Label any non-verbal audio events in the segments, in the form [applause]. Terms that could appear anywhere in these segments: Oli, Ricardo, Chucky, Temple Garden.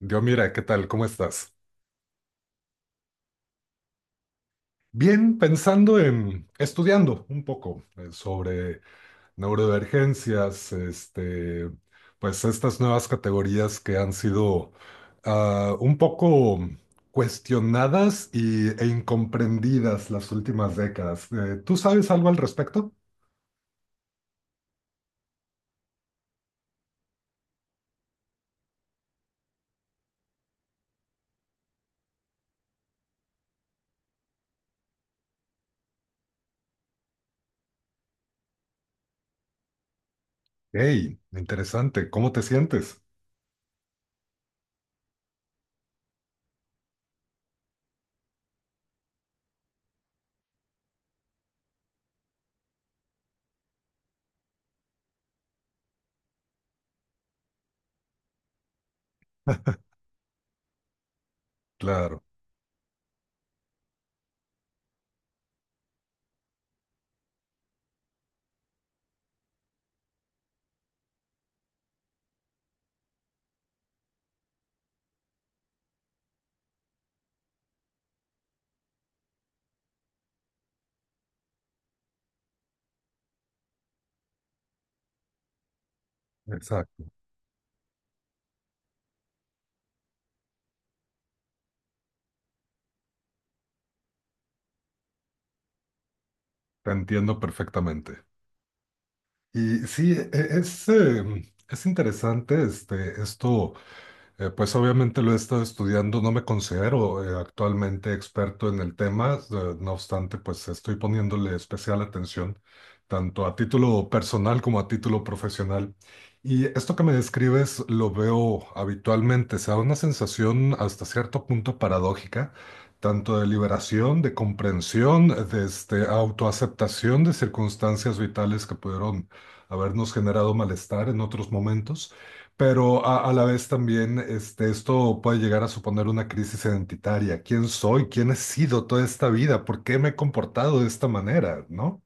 Yo, mira, ¿qué tal? ¿Cómo estás? Bien, pensando en estudiando un poco sobre neurodivergencias, pues estas nuevas categorías que han sido un poco cuestionadas e incomprendidas las últimas décadas. ¿Tú sabes algo al respecto? Hey, interesante. ¿Cómo te sientes? Claro, exacto. Te entiendo perfectamente. Y sí, es, eh, es interesante esto. Pues obviamente lo he estado estudiando, no me considero actualmente experto en el tema, no obstante, pues estoy poniéndole especial atención, tanto a título personal como a título profesional. Y esto que me describes lo veo habitualmente, o sea, una sensación hasta cierto punto paradójica, tanto de liberación, de comprensión, autoaceptación de circunstancias vitales que pudieron habernos generado malestar en otros momentos, pero a la vez también esto puede llegar a suponer una crisis identitaria. ¿Quién soy? ¿Quién he sido toda esta vida? ¿Por qué me he comportado de esta manera? ¿No?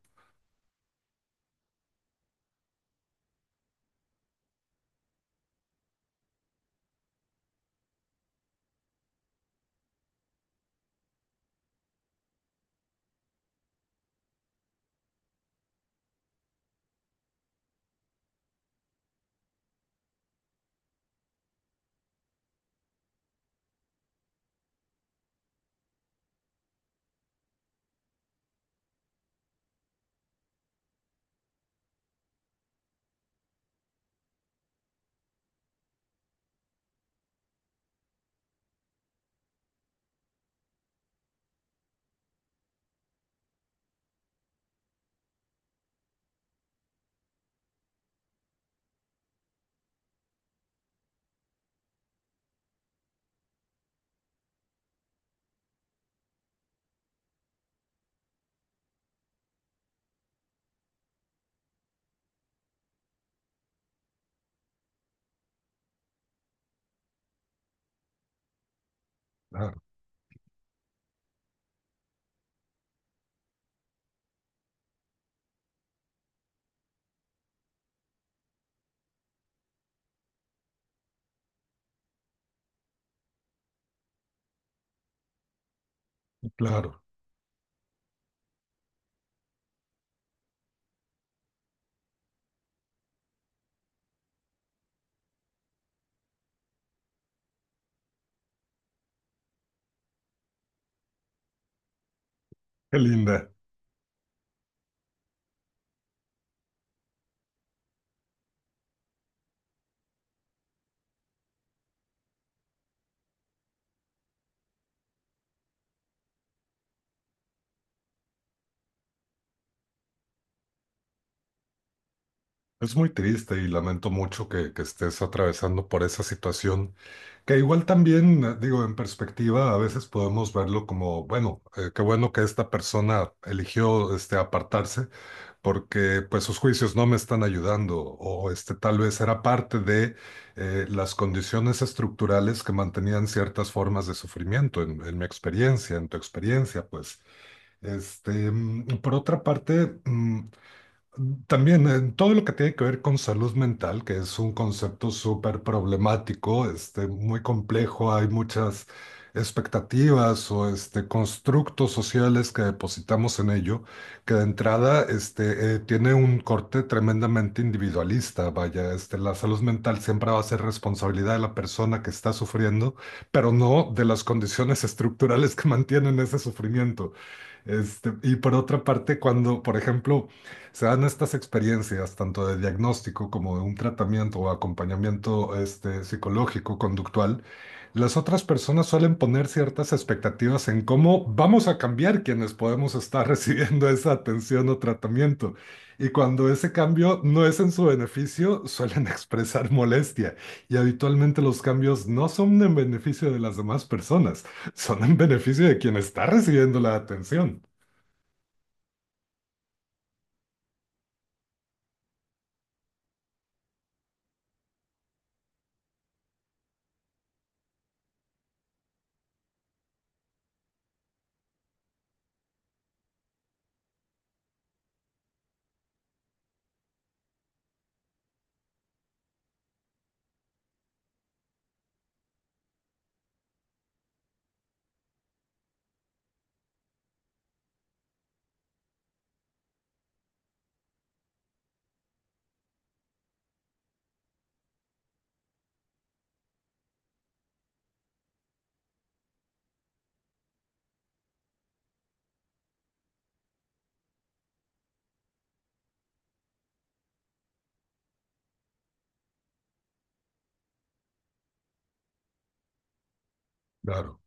Claro, claro. Qué linda. Es muy triste y lamento mucho que estés atravesando por esa situación, que igual también, digo, en perspectiva, a veces podemos verlo como, bueno, qué bueno que esta persona eligió apartarse, porque pues sus juicios no me están ayudando o este tal vez era parte de las condiciones estructurales que mantenían ciertas formas de sufrimiento en mi experiencia, en tu experiencia, pues. Este, mm, por otra parte, mm, también en todo lo que tiene que ver con salud mental, que es un concepto súper problemático, este, muy complejo, hay muchas expectativas o este, constructos sociales que depositamos en ello, que de entrada este, tiene un corte tremendamente individualista. Vaya, este, la salud mental siempre va a ser responsabilidad de la persona que está sufriendo, pero no de las condiciones estructurales que [laughs] mantienen ese sufrimiento. Este, y por otra parte, cuando, por ejemplo, se dan estas experiencias, tanto de diagnóstico como de un tratamiento o acompañamiento este, psicológico, conductual, las otras personas suelen poner ciertas expectativas en cómo vamos a cambiar quienes podemos estar [laughs] recibiendo esa atención o tratamiento. Y cuando ese cambio no es en su beneficio, suelen [laughs] expresar molestia. Y habitualmente los cambios no son en beneficio de las demás personas, son en beneficio de quien está recibiendo la atención. Claro,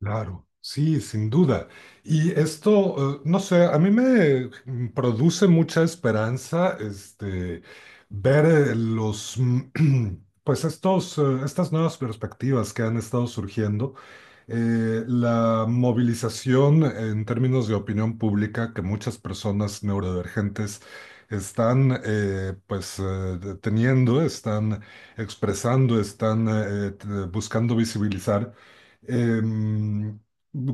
claro. Sí, sin duda. Y esto, no sé, a mí me mm, produce mucha esperanza, este, ver los, mm, [clears throat] pues estas nuevas perspectivas que han estado surgiendo, la movilización en términos de opinión pública que muchas personas neurodivergentes están pues teniendo, están expresando, están buscando visibilizar. Em,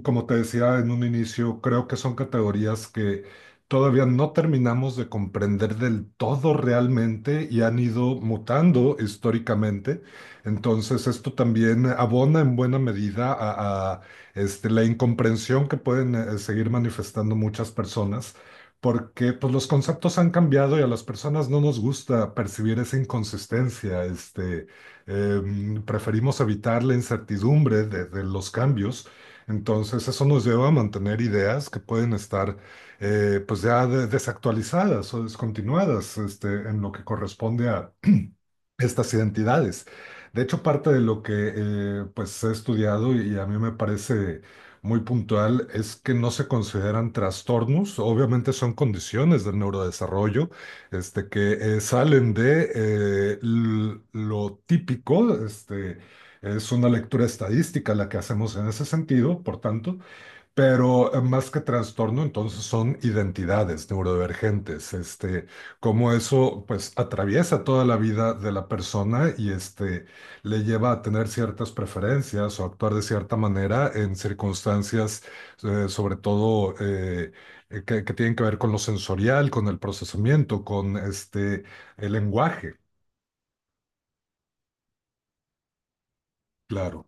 Como te decía en un inicio, creo que son categorías que todavía no terminamos de comprender del todo realmente y han ido mutando históricamente. Entonces, esto también abona en buena medida a, este, la incomprensión que pueden seguir manifestando muchas personas, porque pues, los conceptos han cambiado y a las personas no nos gusta percibir esa inconsistencia. Este, em, preferimos evitar la incertidumbre de los cambios. Entonces, eso nos lleva a mantener ideas que pueden estar pues ya desactualizadas o descontinuadas este, en lo que corresponde a estas identidades. De hecho, parte de lo que pues he estudiado y a mí me parece muy puntual es que no se consideran trastornos, obviamente son condiciones del neurodesarrollo, este, que salen de lo típico, este, es una lectura estadística la que hacemos en ese sentido, por tanto, pero más que trastorno, entonces son identidades neurodivergentes, este, cómo eso pues atraviesa toda la vida de la persona y este le lleva a tener ciertas preferencias o actuar de cierta manera en circunstancias, sobre todo que tienen que ver con lo sensorial, con el procesamiento, con este el lenguaje, claro.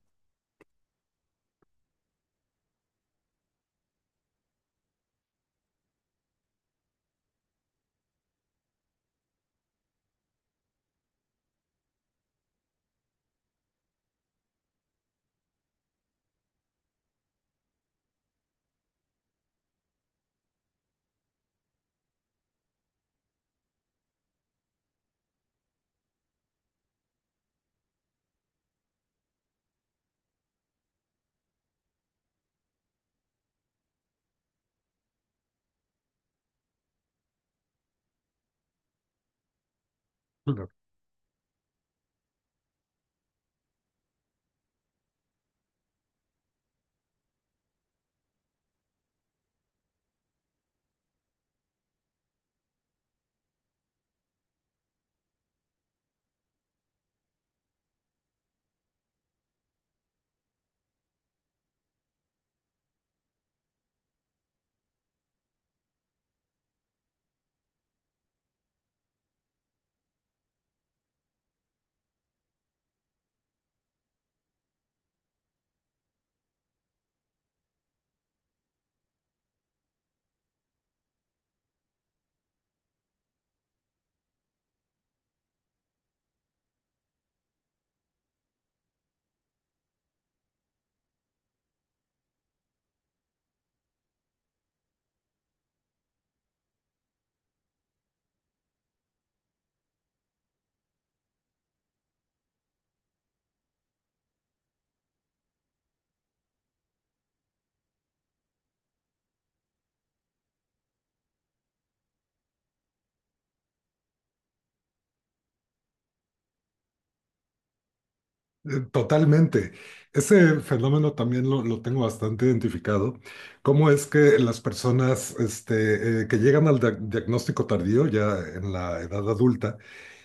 Totalmente. Ese fenómeno también lo tengo bastante identificado. ¿Cómo es que las personas este, que llegan al diagnóstico tardío, ya en la edad adulta,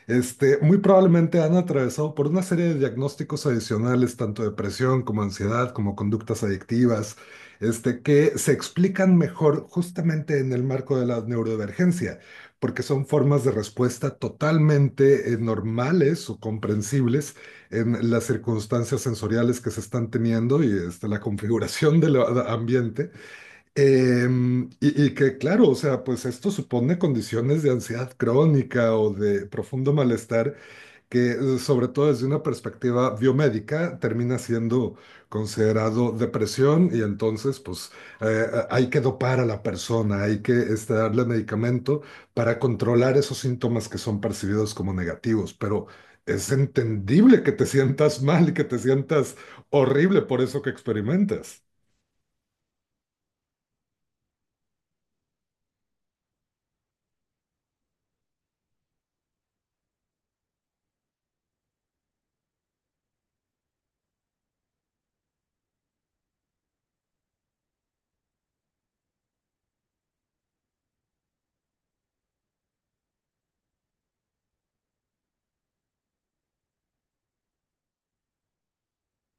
este, muy probablemente han atravesado por una serie de diagnósticos adicionales, tanto depresión como ansiedad, como conductas adictivas, este, que se explican mejor justamente en el marco de la neurodivergencia, porque son formas de respuesta totalmente normales o comprensibles en las circunstancias sensoriales que se están teniendo y este, la configuración del ambiente. Em, y que claro, o sea, pues esto supone condiciones de ansiedad crónica o de profundo malestar, que sobre todo desde una perspectiva biomédica termina siendo considerado depresión y entonces pues hay que dopar a la persona, hay que este, darle medicamento para controlar esos síntomas que son percibidos como negativos, pero es entendible que te sientas mal y que te sientas horrible por eso que experimentas.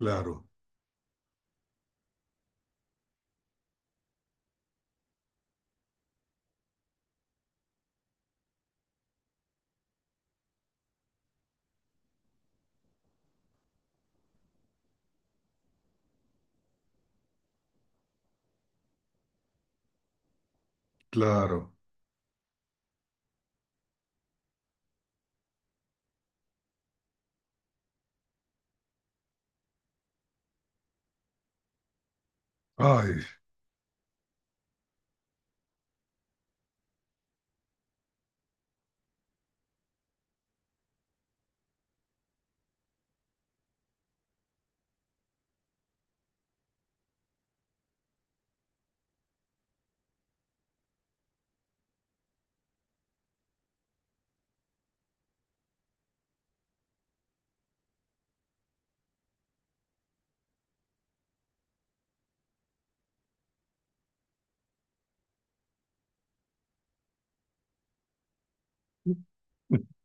Claro, claro. Ay, [laughs]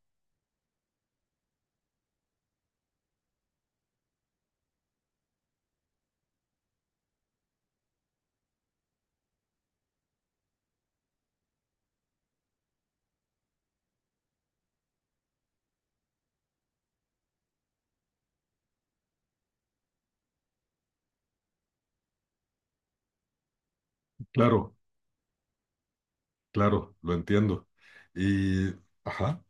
claro, claro, lo entiendo. Y, ajá.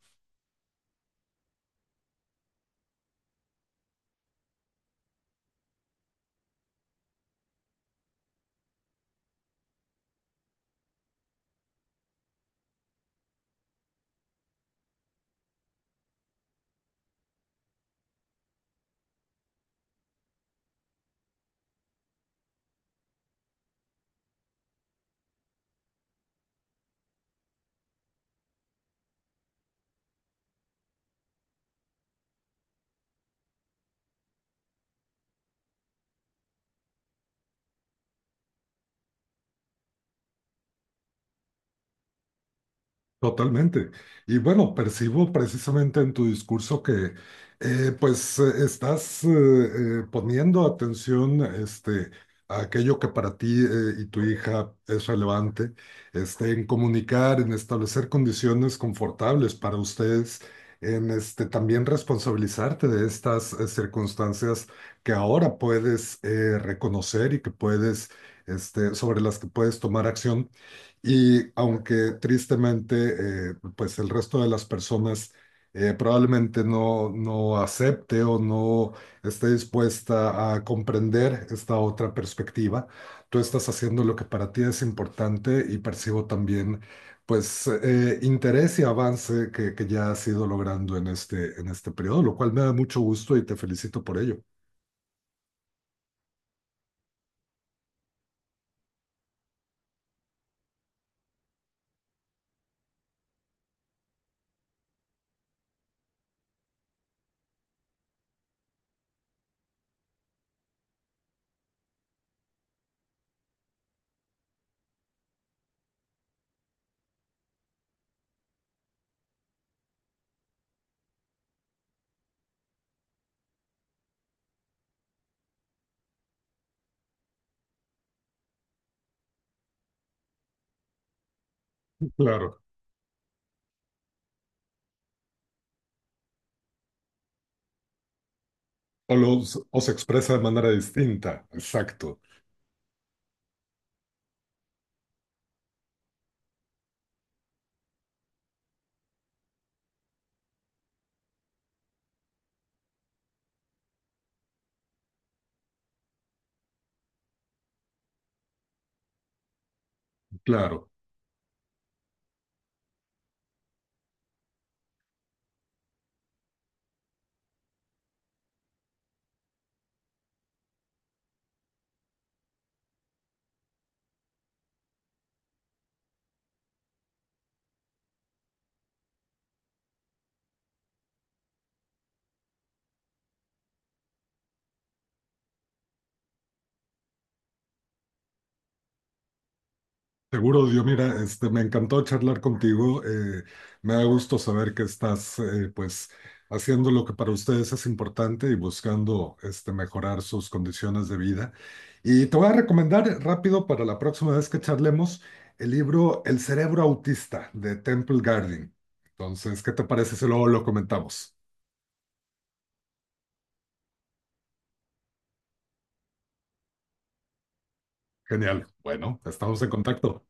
Totalmente. Y bueno, percibo precisamente en tu discurso que pues estás poniendo atención este, a aquello que para ti y tu hija es relevante, este, en comunicar, en establecer condiciones confortables para ustedes, en este, también responsabilizarte de estas circunstancias que ahora puedes reconocer y que puedes, este, sobre las que puedes tomar acción. Y aunque tristemente, pues el resto de las personas probablemente no, no acepte o no esté dispuesta a comprender esta otra perspectiva, tú estás haciendo lo que para ti es importante y percibo también, pues, interés y avance que ya has ido logrando en este periodo, lo cual me da mucho gusto y te felicito por ello. Claro. O, los, o se expresa de manera distinta. Exacto. Claro. Seguro, Dios, mira, este, me encantó charlar contigo. Me da gusto saber que estás, pues, haciendo lo que para ustedes es importante y buscando, este, mejorar sus condiciones de vida. Y te voy a recomendar rápido para la próxima vez que charlemos el libro El cerebro autista de Temple Garden. Entonces, ¿qué te parece si luego lo comentamos? Genial. Bueno, estamos en contacto.